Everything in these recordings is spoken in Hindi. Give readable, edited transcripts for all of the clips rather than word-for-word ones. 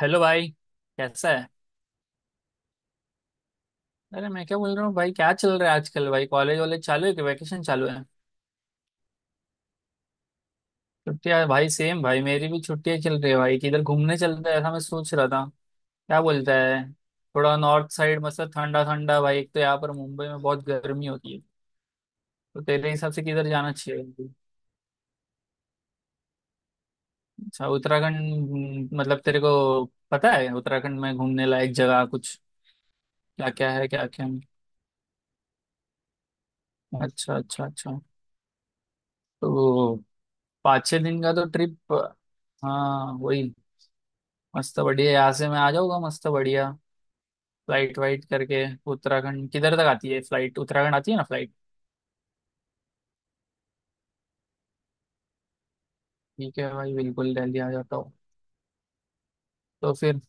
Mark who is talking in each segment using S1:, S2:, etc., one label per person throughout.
S1: हेलो भाई। कैसा है? अरे, मैं क्या बोल रहा हूँ भाई, क्या चल रहा है आजकल? भाई कॉलेज वॉलेज चालू है कि वैकेशन चालू है? छुट्टियां भाई? सेम भाई, मेरी भी छुट्टियां चल रही है। भाई किधर घूमने चलते हैं, ऐसा मैं सोच रहा था। क्या बोलता है? थोड़ा नॉर्थ साइड, मतलब ठंडा ठंडा भाई। एक तो यहाँ पर मुंबई में बहुत गर्मी होती है। तो तेरे हिसाब से किधर जाना चाहिए? अच्छा उत्तराखंड। मतलब तेरे को पता है उत्तराखंड में घूमने लायक जगह कुछ? क्या क्या है? क्या क्या है? अच्छा अच्छा अच्छा। तो 5-6 दिन का तो ट्रिप। हाँ वही। मस्त बढ़िया, यहाँ से मैं आ जाऊंगा। मस्त बढ़िया। फ्लाइट वाइट करके उत्तराखंड किधर तक आती है फ्लाइट? उत्तराखंड आती है ना फ्लाइट? ठीक है भाई, बिल्कुल दिल्ली आ जाता हूँ। तो फिर?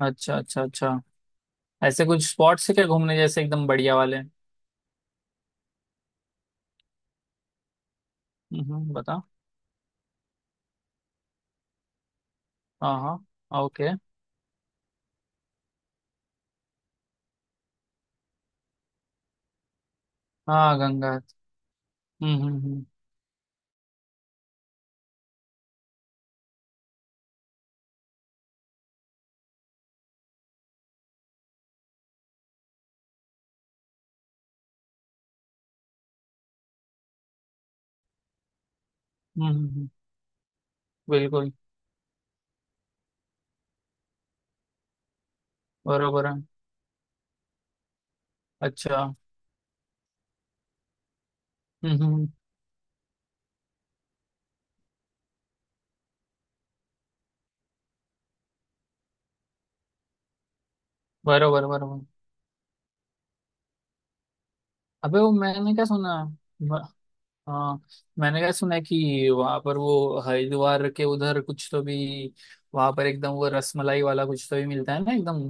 S1: अच्छा अच्छा अच्छा। ऐसे कुछ स्पॉट्स है क्या घूमने जैसे एकदम बढ़िया वाले? बता। हाँ हाँ ओके। हाँ गंगा। हम्म। हम्म हम्म, हम्म, बिल्कुल। बरोबर है। अच्छा। हम्म। बरोबर बरोबर। अबे वो मैंने क्या सुना? हाँ। मैंने क्या सुना है कि वहां पर वो हरिद्वार के उधर कुछ तो भी, वहां पर एकदम वो रसमलाई वाला कुछ तो भी मिलता है ना एकदम?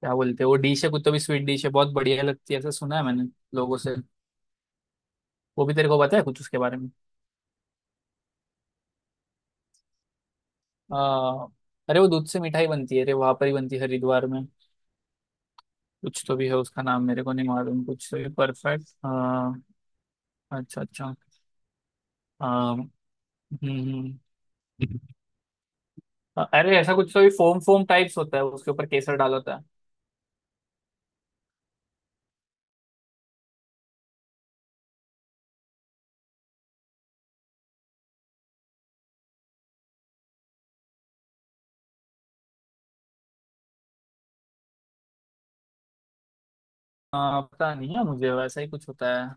S1: क्या बोलते हैं, वो डिश है कुछ तो भी, स्वीट डिश है, बहुत बढ़िया लगती है, ऐसा सुना है मैंने लोगों से। वो भी तेरे को पता है कुछ उसके बारे में? आ, अरे वो दूध से मिठाई बनती है, अरे वहां पर ही बनती है हरिद्वार में। कुछ तो भी है, उसका नाम मेरे को नहीं मालूम, कुछ तो भी परफेक्ट। अच्छा अच्छा। आ, हम्म हम्म। अरे ऐसा कुछ तो भी फोम फोम टाइप्स होता है, उसके ऊपर केसर डाला होता है। हाँ पता नहीं है मुझे, वैसा ही कुछ होता है।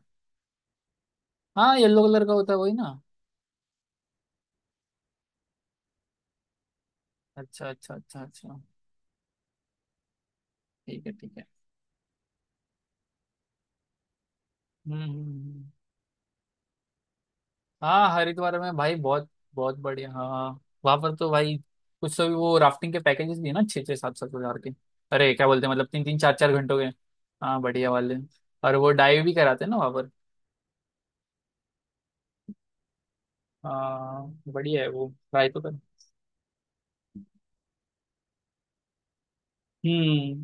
S1: हाँ, येलो कलर का होता है वही ना? अच्छा अच्छा अच्छा अच्छा। ठीक है ठीक है। हम्म। हम्म। हाँ हरिद्वार में भाई बहुत बहुत बढ़िया हाँ। वहां पर तो भाई कुछ तो भी वो राफ्टिंग के पैकेजेस भी है ना, छः छः सात सात हजार के। अरे क्या बोलते हैं, मतलब तीन तीन चार चार घंटों के। हाँ बढ़िया वाले। और वो डाइव भी कराते हैं ना वहां पर? हाँ बढ़िया है, वो ट्राई तो कर। हम्म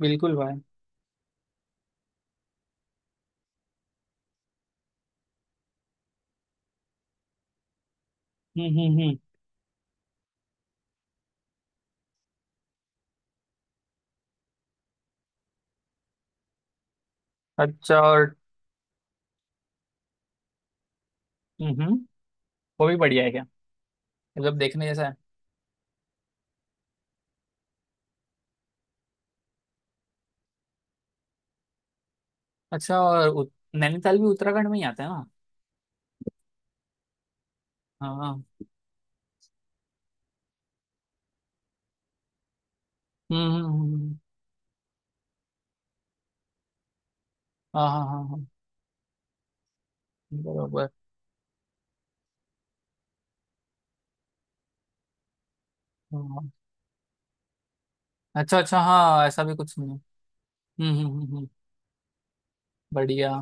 S1: बिल्कुल भाई। हम्म। अच्छा और? हम्म हम्म, वो भी बढ़िया है क्या? मतलब देखने जैसा है? अच्छा और नैनीताल भी उत्तराखंड में ही आता है ना? हाँ हाँ। हम्म हम्म। हाँ हाँ हाँ हाँ। बराबर। हाँ हाँ। अच्छा अच्छा, हाँ ऐसा भी कुछ नहीं है। हम्म। बढ़िया।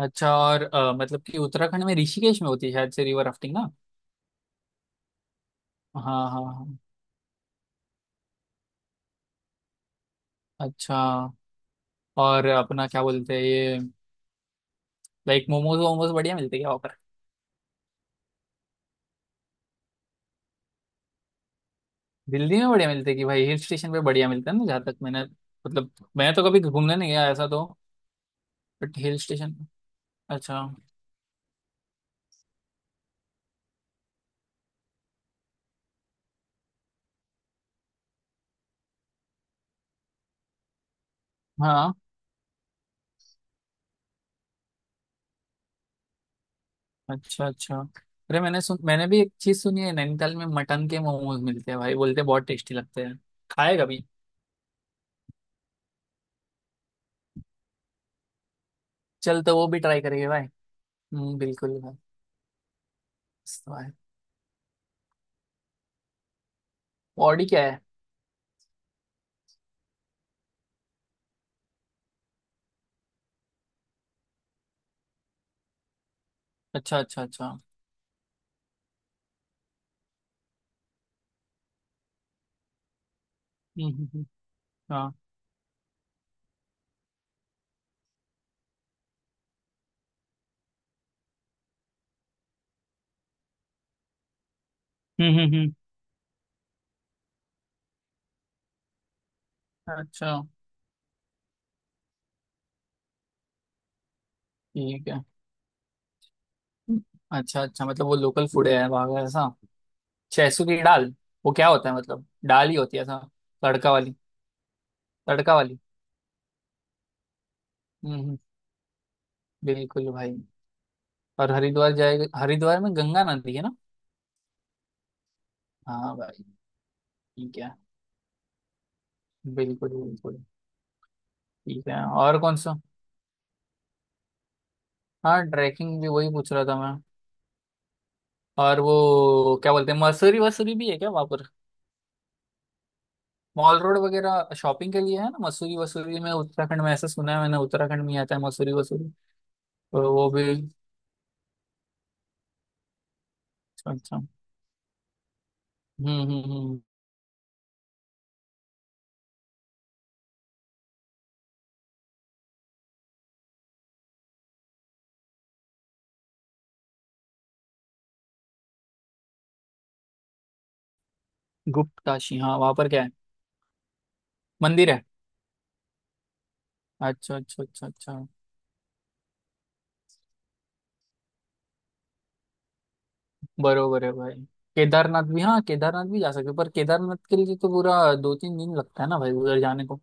S1: अच्छा और मतलब कि उत्तराखंड में ऋषिकेश में होती है शायद से रिवर राफ्टिंग ना? हाँ हाँ हाँ। अच्छा। और अपना क्या बोलते हैं ये, लाइक मोमोज वोमोज बढ़िया मिलते हैं क्या वहाँ पर? दिल्ली में बढ़िया मिलते हैं कि भाई हिल स्टेशन पे बढ़िया मिलता है ना, जहाँ तक मैंने मतलब मैं तो कभी घूमने नहीं गया ऐसा तो, बट हिल स्टेशन। अच्छा। हाँ। अच्छा अच्छा। अरे मैंने सुन मैंने भी एक चीज सुनी है, नैनीताल में मटन के मोमोज मिलते हैं भाई, बोलते हैं बहुत टेस्टी लगते हैं। खाए कभी? चल, तो वो भी ट्राई करेंगे भाई। बिल्कुल भाई। मस्त भाई। बॉडी क्या है? अच्छा अच्छा अच्छा। हम्म। हाँ। हम्म हम्म हम्म। अच्छा। ठीक है। हम्म। अच्छा अच्छा, मतलब वो लोकल फूड है वहाँ का ऐसा? छैसू की दाल वो क्या होता है, मतलब दाल ही होती है ऐसा? तड़का वाली? तड़का वाली? हम्म। बिल्कुल भाई। और हरिद्वार जाएगा, हरिद्वार में गंगा नदी है ना? हाँ भाई। ठीक है, बिल्कुल बिल्कुल। ठीक है, और कौन सा? हाँ ट्रैकिंग भी वही पूछ रहा था मैं। और वो क्या बोलते हैं, मसूरी वसूरी भी है क्या वहां पर? मॉल रोड वगैरह शॉपिंग के लिए है ना मसूरी वसूरी में उत्तराखंड में, ऐसा सुना है मैंने, उत्तराखंड में ही आता है मसूरी वसूरी। तो वो भी। अच्छा। हम्म। गुप्त काशी हाँ, वहां पर क्या है? मंदिर है? अच्छा अच्छा अच्छा अच्छा। बरोबर है भाई। केदारनाथ भी, हाँ केदारनाथ भी जा सकते हो, पर केदारनाथ के लिए तो पूरा 2-3 दिन लगता है ना भाई उधर जाने को।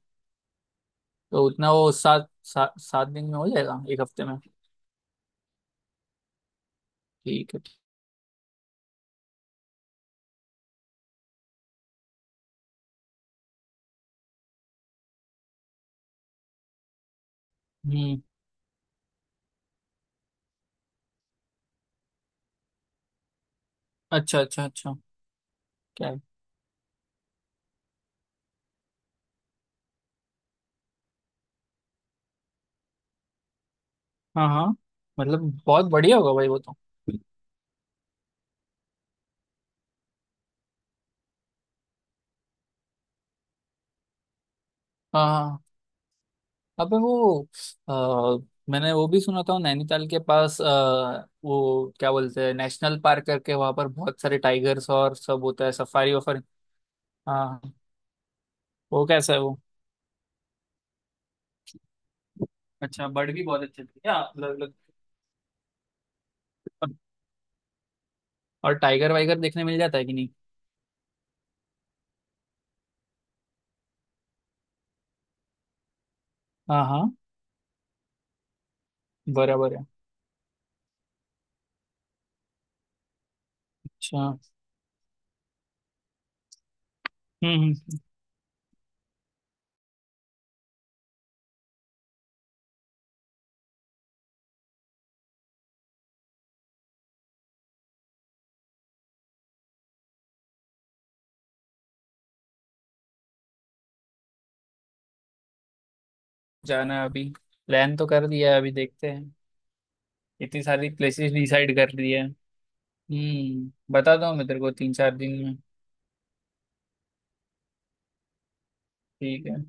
S1: तो उतना वो सात सात सात दिन में हो जाएगा, एक हफ्ते में। ठीक है। हम्म। अच्छा अच्छा अच्छा। क्या है? हाँ हाँ मतलब बहुत बढ़िया होगा भाई वो तो। हाँ हाँ। अबे वो मैंने वो भी सुना था नैनीताल के पास, वो क्या बोलते हैं नेशनल पार्क करके, वहां पर बहुत सारे टाइगर्स और सब होता है, सफारी वफारी। हाँ हाँ। वो कैसा है वो? अच्छा, बर्ड भी बहुत अच्छे थे क्या, अलग अलग? और टाइगर वाइगर देखने मिल जाता है कि नहीं? हाँ हाँ। बराबर है। अच्छा। हम्म। जाना है अभी। प्लान तो कर दिया है, अभी देखते हैं। इतनी सारी प्लेसेस डिसाइड कर ली है। हम्म, बता दो, मैं तेरे को 3-4 दिन में। ठीक है।